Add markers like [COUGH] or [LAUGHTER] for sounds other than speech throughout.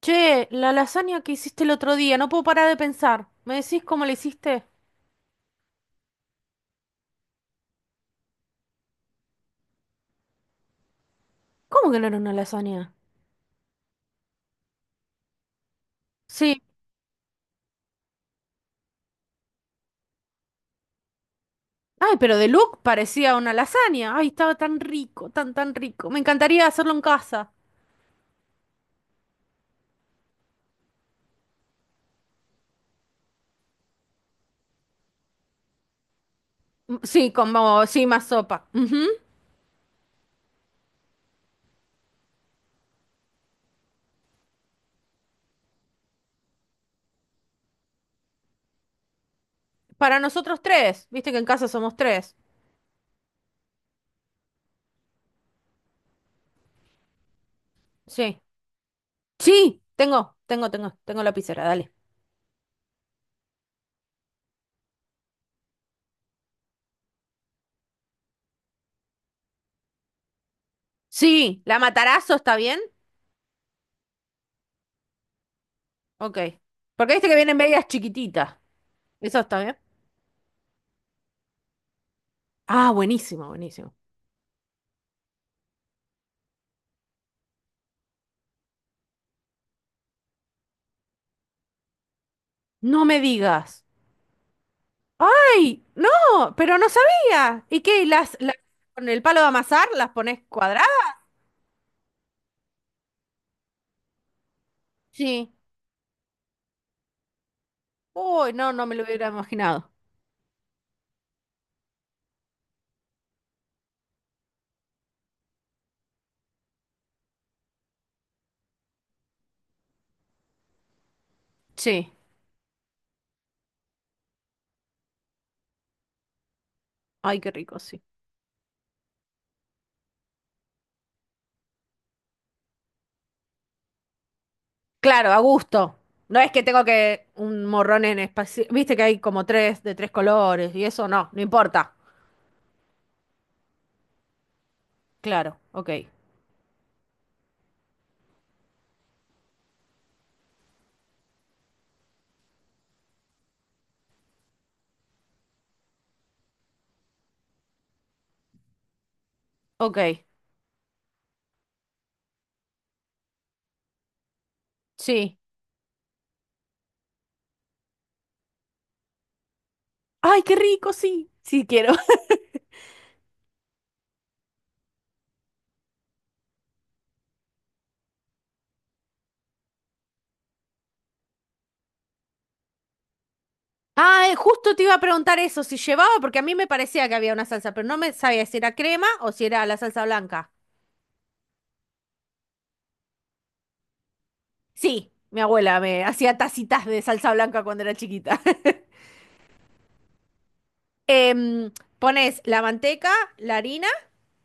Che, la lasaña que hiciste el otro día, no puedo parar de pensar. ¿Me decís cómo la hiciste? ¿Cómo que no era una lasaña? Sí. Ay, pero de look parecía una lasaña. Ay, estaba tan rico, tan, tan rico. Me encantaría hacerlo en casa. Mm, sí, como, sí, más sopa. Ujú. Para nosotros tres. Viste que en casa somos tres. Sí. Sí, tengo lapicera, dale. Sí, ¿la matarazo está bien? Ok. Porque viste que vienen medias chiquititas. ¿Eso está bien? Ah, buenísimo, buenísimo. No me digas. ¡Ay! ¡No! Pero no sabía. ¿Y qué? ¿Las con el palo de amasar las pones cuadradas? Sí. Uy, no, no me lo hubiera imaginado. Sí. Ay, qué rico, sí. Claro, a gusto. No es que tengo que un morrón en espacio. Viste que hay como tres de tres colores y eso no, no importa. Claro, ok. Ok, sí. Ay, qué rico, sí. Sí quiero. [LAUGHS] Ah, justo te iba a preguntar eso, si llevaba, porque a mí me parecía que había una salsa, pero no me sabía si era crema o si era la salsa blanca. Sí, mi abuela me hacía tacitas de salsa blanca cuando era chiquita. [LAUGHS] Em, Pones la manteca, la harina,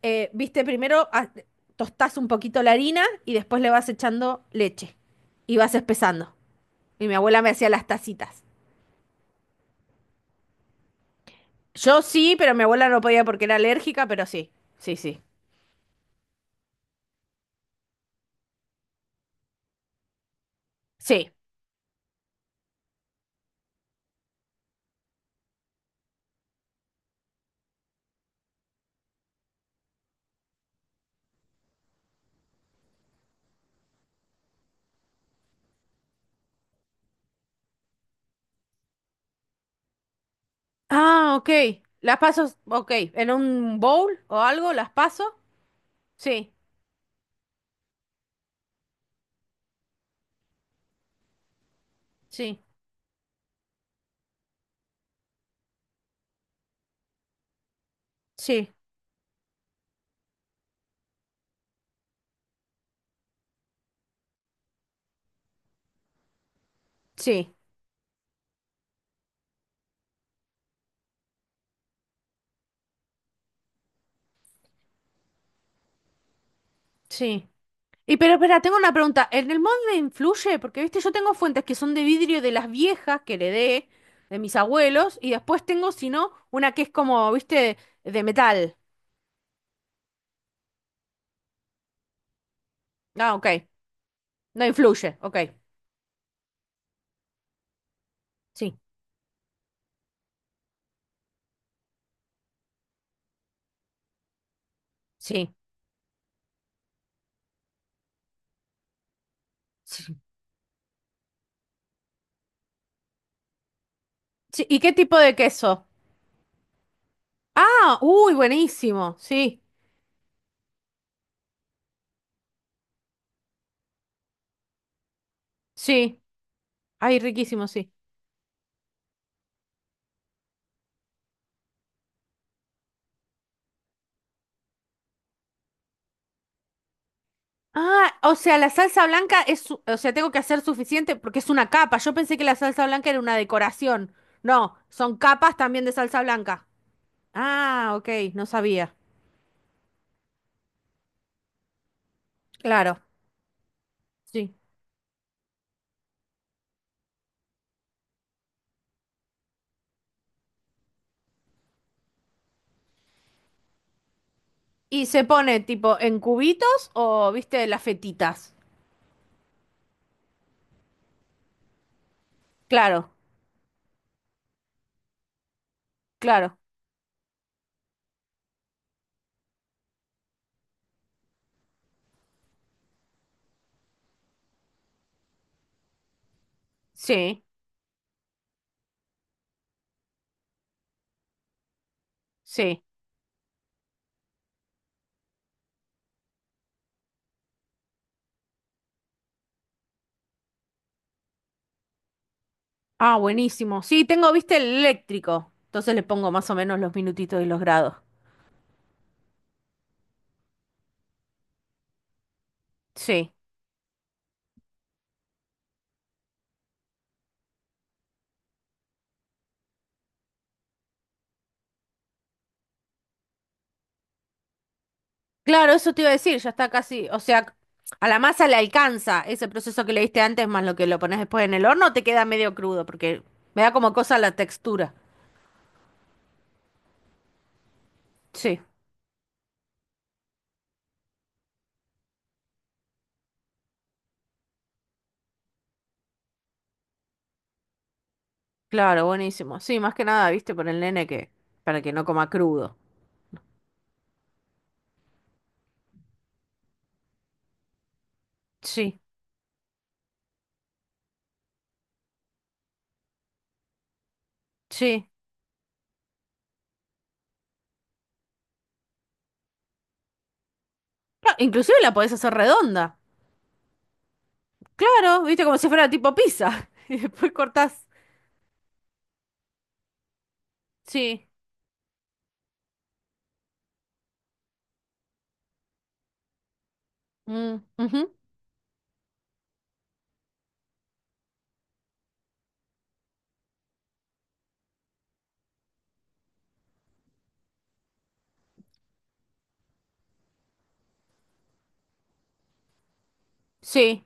viste, primero tostás un poquito la harina y después le vas echando leche y vas espesando. Y mi abuela me hacía las tacitas. Yo sí, pero mi abuela no podía porque era alérgica, pero sí, sí, sí, sí. Ah, ok. Las paso, ok, en un bowl o algo, las paso. Sí, sí, sí, sí, sí. Y pero espera, tengo una pregunta. ¿En el molde influye? Porque, viste, yo tengo fuentes que son de vidrio de las viejas que heredé de mis abuelos y después tengo, si no, una que es como, viste, de metal. Ah, ok. No influye. Ok. Sí, sí, sí. Sí, ¿y qué tipo de queso? Ah, uy, buenísimo. Sí, sí. Ay, riquísimo, sí. Ah, o sea, la salsa blanca es, su- o sea, tengo que hacer suficiente porque es una capa. Yo pensé que la salsa blanca era una decoración. No, son capas también de salsa blanca. Ah, ok, no sabía. Claro. Sí. Y se pone tipo en cubitos o, viste, las fetitas. Claro, claro. Sí, sí. Ah, buenísimo. Sí, tengo, viste, el eléctrico. Entonces le pongo más o menos los minutitos y los grados. Sí. Claro, eso te iba a decir, ya está casi, o sea, a la masa le alcanza ese proceso que le diste antes más lo que lo pones después en el horno, te queda medio crudo porque me da como cosa la textura. Sí. Claro, buenísimo. Sí, más que nada, viste, por el nene que, para que no coma crudo. Sí, sí. Claro, inclusive la podés hacer redonda. Claro, viste, como si fuera tipo pizza. [LAUGHS] Y después cortás. Sí. Mm, ujú. Sí.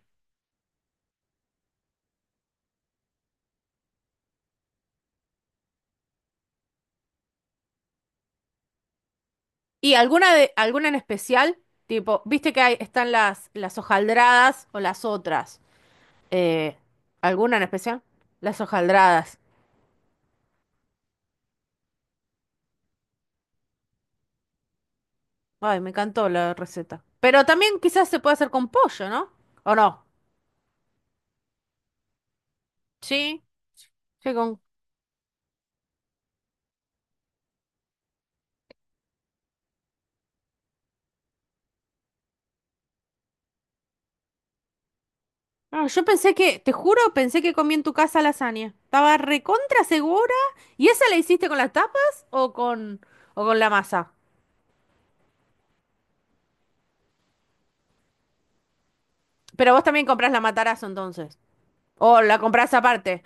¿Y alguna de, alguna en especial? Tipo, viste que hay, están las hojaldradas o las otras. Eh, ¿Alguna en especial? Las hojaldradas. Ay, me encantó la receta. Pero también quizás se puede hacer con pollo, ¿no? ¿O no? Sí. Sí, con no, yo pensé que, te juro, pensé que comí en tu casa lasaña. Estaba recontra segura. ¿Y esa la hiciste con las tapas o con la masa? Pero vos también comprás la matarazo entonces. O la comprás aparte.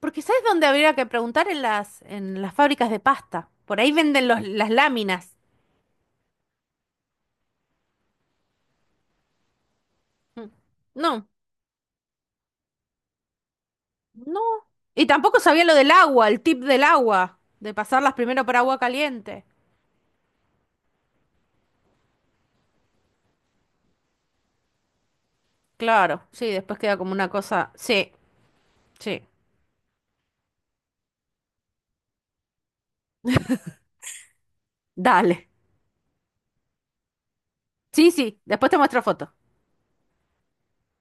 Porque ¿sabes dónde habría que preguntar? En las fábricas de pasta. Por ahí venden las láminas. Mm. No, no. Y tampoco sabía lo del agua, el tip del agua. De pasarlas primero por agua caliente. Claro, sí, después queda como una cosa. Sí, sí. Dale. Sí, sí, después te muestro fotos.